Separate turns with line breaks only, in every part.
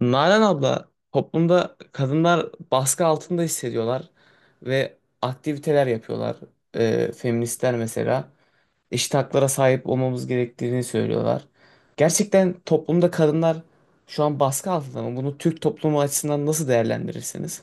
Nalan abla, toplumda kadınlar baskı altında hissediyorlar ve aktiviteler yapıyorlar. Feministler mesela eşit haklara sahip olmamız gerektiğini söylüyorlar. Gerçekten toplumda kadınlar şu an baskı altında mı? Bunu Türk toplumu açısından nasıl değerlendirirsiniz?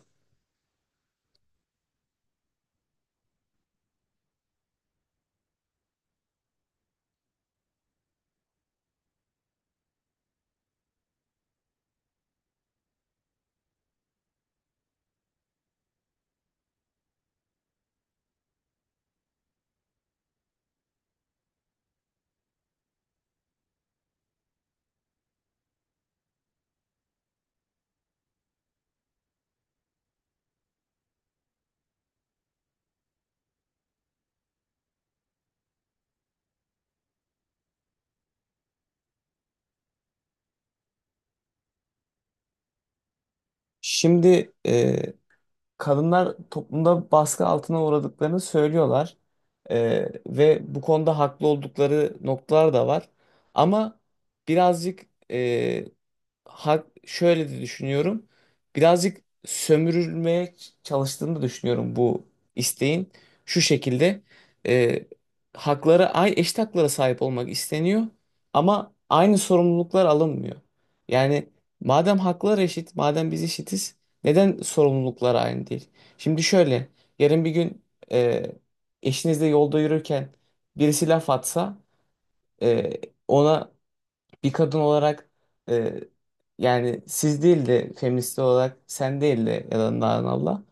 Şimdi kadınlar toplumda baskı altına uğradıklarını söylüyorlar. Ve bu konuda haklı oldukları noktalar da var. Ama birazcık hak, şöyle de düşünüyorum. Birazcık sömürülmeye çalıştığını da düşünüyorum bu isteğin. Şu şekilde e, haklara, ay eşit haklara sahip olmak isteniyor ama aynı sorumluluklar alınmıyor. Yani madem haklar eşit, madem biz eşitiz neden sorumluluklar aynı değil? Şimdi şöyle, yarın bir gün e, eşinizle yolda yürürken birisi laf atsa e, ona bir kadın olarak e, yani siz değil de feminist olarak sen değil de ya da Allah,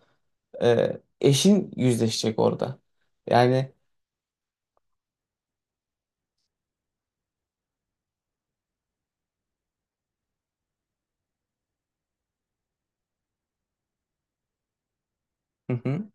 eşin yüzleşecek orada. Yani, hı hı.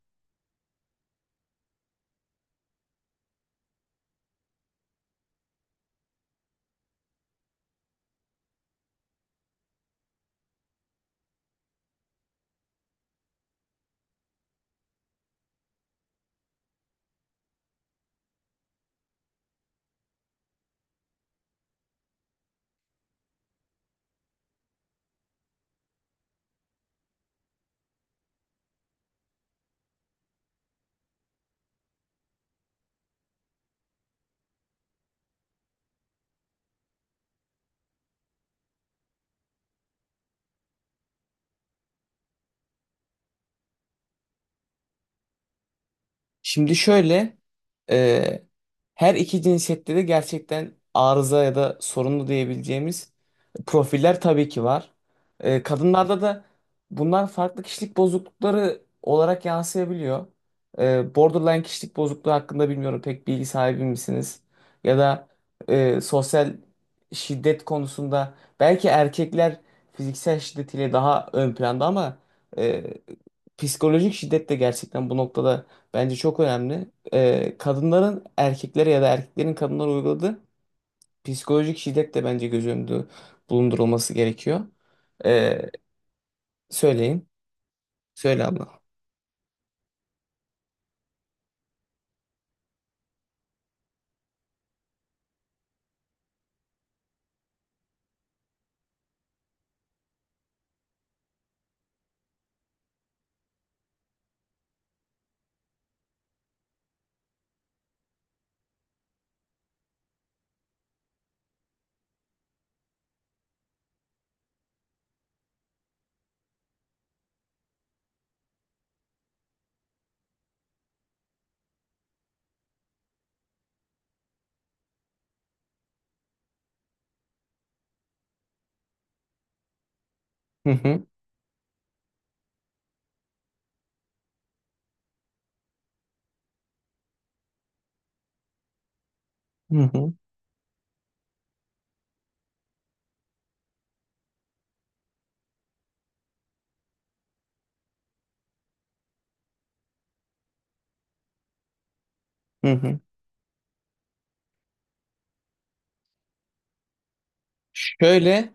Şimdi şöyle e, her iki cinsiyette de gerçekten arıza ya da sorunlu diyebileceğimiz profiller tabii ki var. E, kadınlarda da bunlar farklı kişilik bozuklukları olarak yansıyabiliyor. Borderline kişilik bozukluğu hakkında bilmiyorum pek bilgi sahibi misiniz? Ya da sosyal şiddet konusunda belki erkekler fiziksel şiddetiyle daha ön planda ama e, psikolojik şiddet de gerçekten bu noktada bence çok önemli. Kadınların erkeklere ya da erkeklerin kadınlara uyguladığı psikolojik şiddet de bence göz önünde bulundurulması gerekiyor. Ee, söyleyin. Söyle abla. Hı hı. Hı hı. Hı hı. Şöyle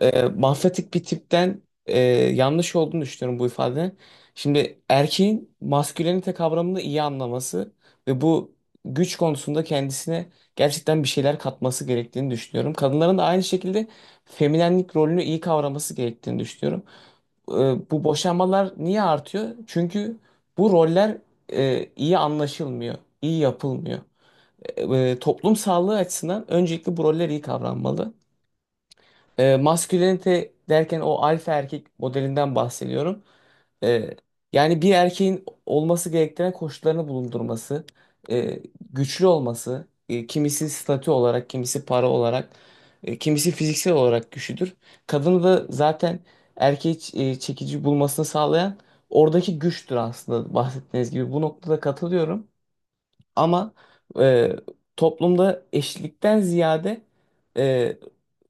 mafyatik bir tipten yanlış olduğunu düşünüyorum bu ifadenin. Şimdi erkeğin maskülenite kavramını iyi anlaması ve bu güç konusunda kendisine gerçekten bir şeyler katması gerektiğini düşünüyorum. Kadınların da aynı şekilde feminenlik rolünü iyi kavraması gerektiğini düşünüyorum. E, bu boşanmalar niye artıyor? Çünkü bu roller iyi anlaşılmıyor, iyi yapılmıyor. Toplum sağlığı açısından öncelikle bu roller iyi kavranmalı. E, maskülenite derken o alfa erkek modelinden bahsediyorum. E, yani bir erkeğin olması gerektiren koşullarını bulundurması, e, güçlü olması, kimisi statü olarak, kimisi para olarak, kimisi fiziksel olarak güçlüdür. Kadını da zaten erkeği çekici bulmasını sağlayan oradaki güçtür aslında bahsettiğiniz gibi. Bu noktada katılıyorum. Ama e, toplumda eşitlikten ziyade e,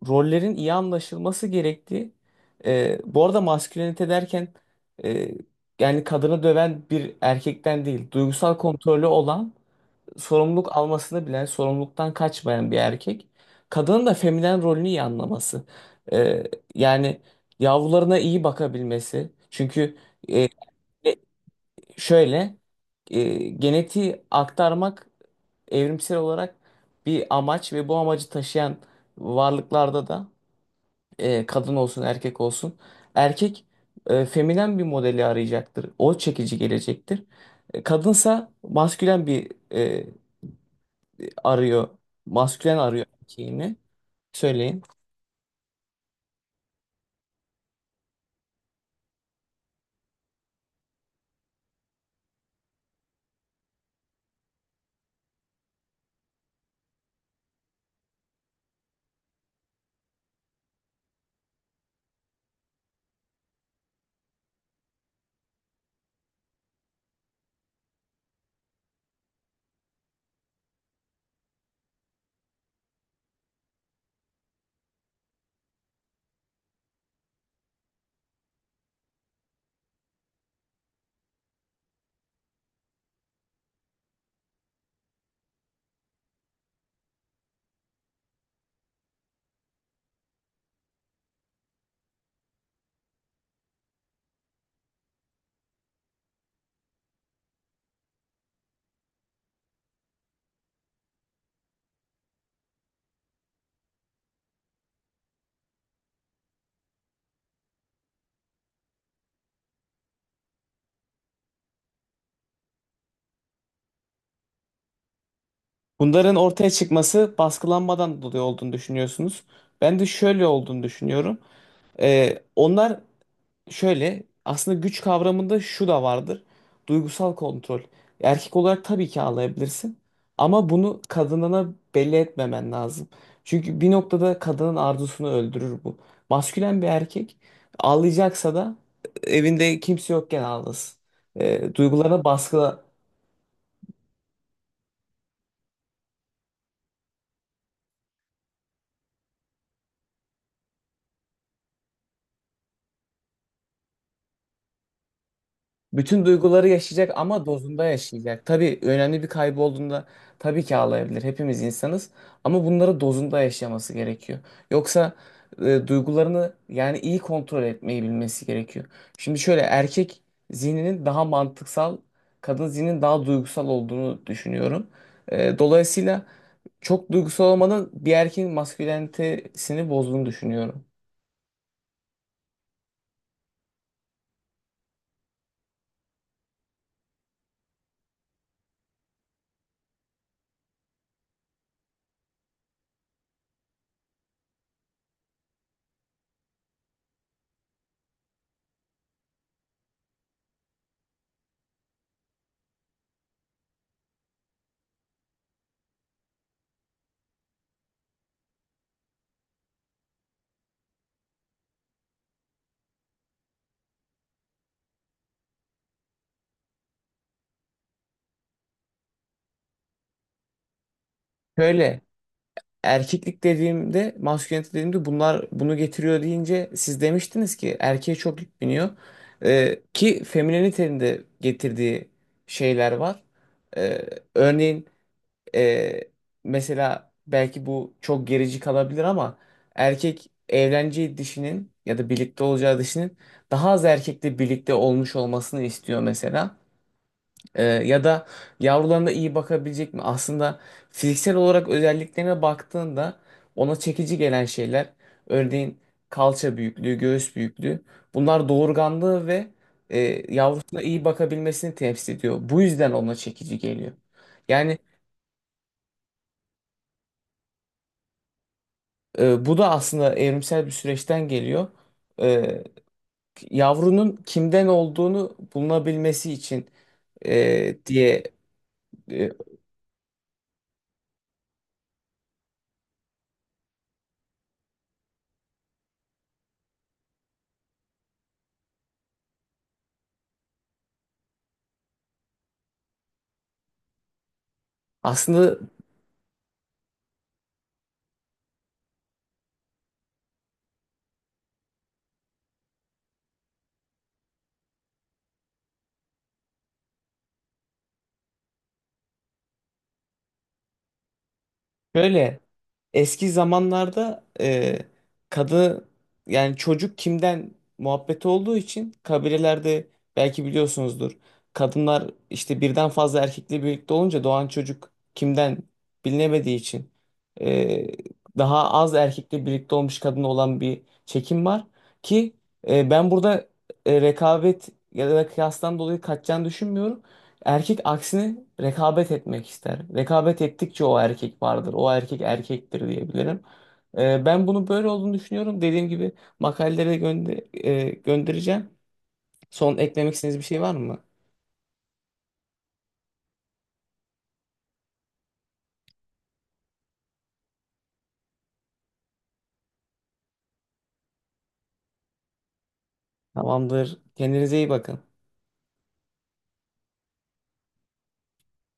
rollerin iyi anlaşılması gerektiği. E, bu arada maskülenite derken e, yani kadını döven bir erkekten değil, duygusal kontrolü olan, sorumluluk almasını bilen, sorumluluktan kaçmayan bir erkek. Kadının da feminen rolünü iyi anlaması. E, yani yavrularına iyi bakabilmesi. Çünkü e, şöyle e, genetiği aktarmak evrimsel olarak bir amaç ve bu amacı taşıyan varlıklarda da kadın olsun erkek olsun erkek feminen bir modeli arayacaktır. O çekici gelecektir. E, kadınsa maskülen bir arıyor. Maskülen arıyor erkeğini. Söyleyin. Bunların ortaya çıkması baskılanmadan dolayı olduğunu düşünüyorsunuz. Ben de şöyle olduğunu düşünüyorum. Onlar şöyle aslında güç kavramında şu da vardır. Duygusal kontrol. Erkek olarak tabii ki ağlayabilirsin ama bunu kadınına belli etmemen lazım. Çünkü bir noktada kadının arzusunu öldürür bu. Maskülen bir erkek ağlayacaksa da evinde kimse yokken ağlasın. E, duygularına baskı bütün duyguları yaşayacak ama dozunda yaşayacak. Tabii önemli bir kaybı olduğunda tabii ki ağlayabilir. Hepimiz insanız ama bunları dozunda yaşaması gerekiyor. Yoksa duygularını yani iyi kontrol etmeyi bilmesi gerekiyor. Şimdi şöyle erkek zihninin daha mantıksal, kadın zihninin daha duygusal olduğunu düşünüyorum. Dolayısıyla çok duygusal olmanın bir erkeğin maskülenitesini bozduğunu düşünüyorum. Şöyle erkeklik dediğimde, maskülenite dediğimde bunlar bunu getiriyor deyince siz demiştiniz ki erkeğe çok yük biniyor. Ki feminenitenin de getirdiği şeyler var. Ee, örneğin e, mesela belki bu çok gerici kalabilir ama erkek evleneceği dişinin ya da birlikte olacağı dişinin daha az erkekle birlikte olmuş olmasını istiyor mesela. Ya da yavrularına iyi bakabilecek mi? Aslında fiziksel olarak özelliklerine baktığında ona çekici gelen şeyler, örneğin kalça büyüklüğü, göğüs büyüklüğü, bunlar doğurganlığı ve e, yavrusuna iyi bakabilmesini temsil ediyor. Bu yüzden ona çekici geliyor. Yani bu da aslında evrimsel bir süreçten geliyor. E, yavrunun kimden olduğunu bulunabilmesi için diye e, aslında böyle. Eski zamanlarda kadı yani çocuk kimden muhabbeti olduğu için kabilelerde belki biliyorsunuzdur. Kadınlar işte birden fazla erkekle birlikte olunca doğan çocuk kimden bilinemediği için e, daha az erkekle birlikte olmuş kadın olan bir çekim var ki ben burada rekabet ya da kıyastan dolayı kaçacağını düşünmüyorum. Erkek aksine rekabet etmek ister. Rekabet ettikçe o erkek vardır. O erkek erkektir diyebilirim. Ben bunu böyle olduğunu düşünüyorum. Dediğim gibi makaleleri göndereceğim. Son eklemek istediğiniz bir şey var mı? Tamamdır. Kendinize iyi bakın.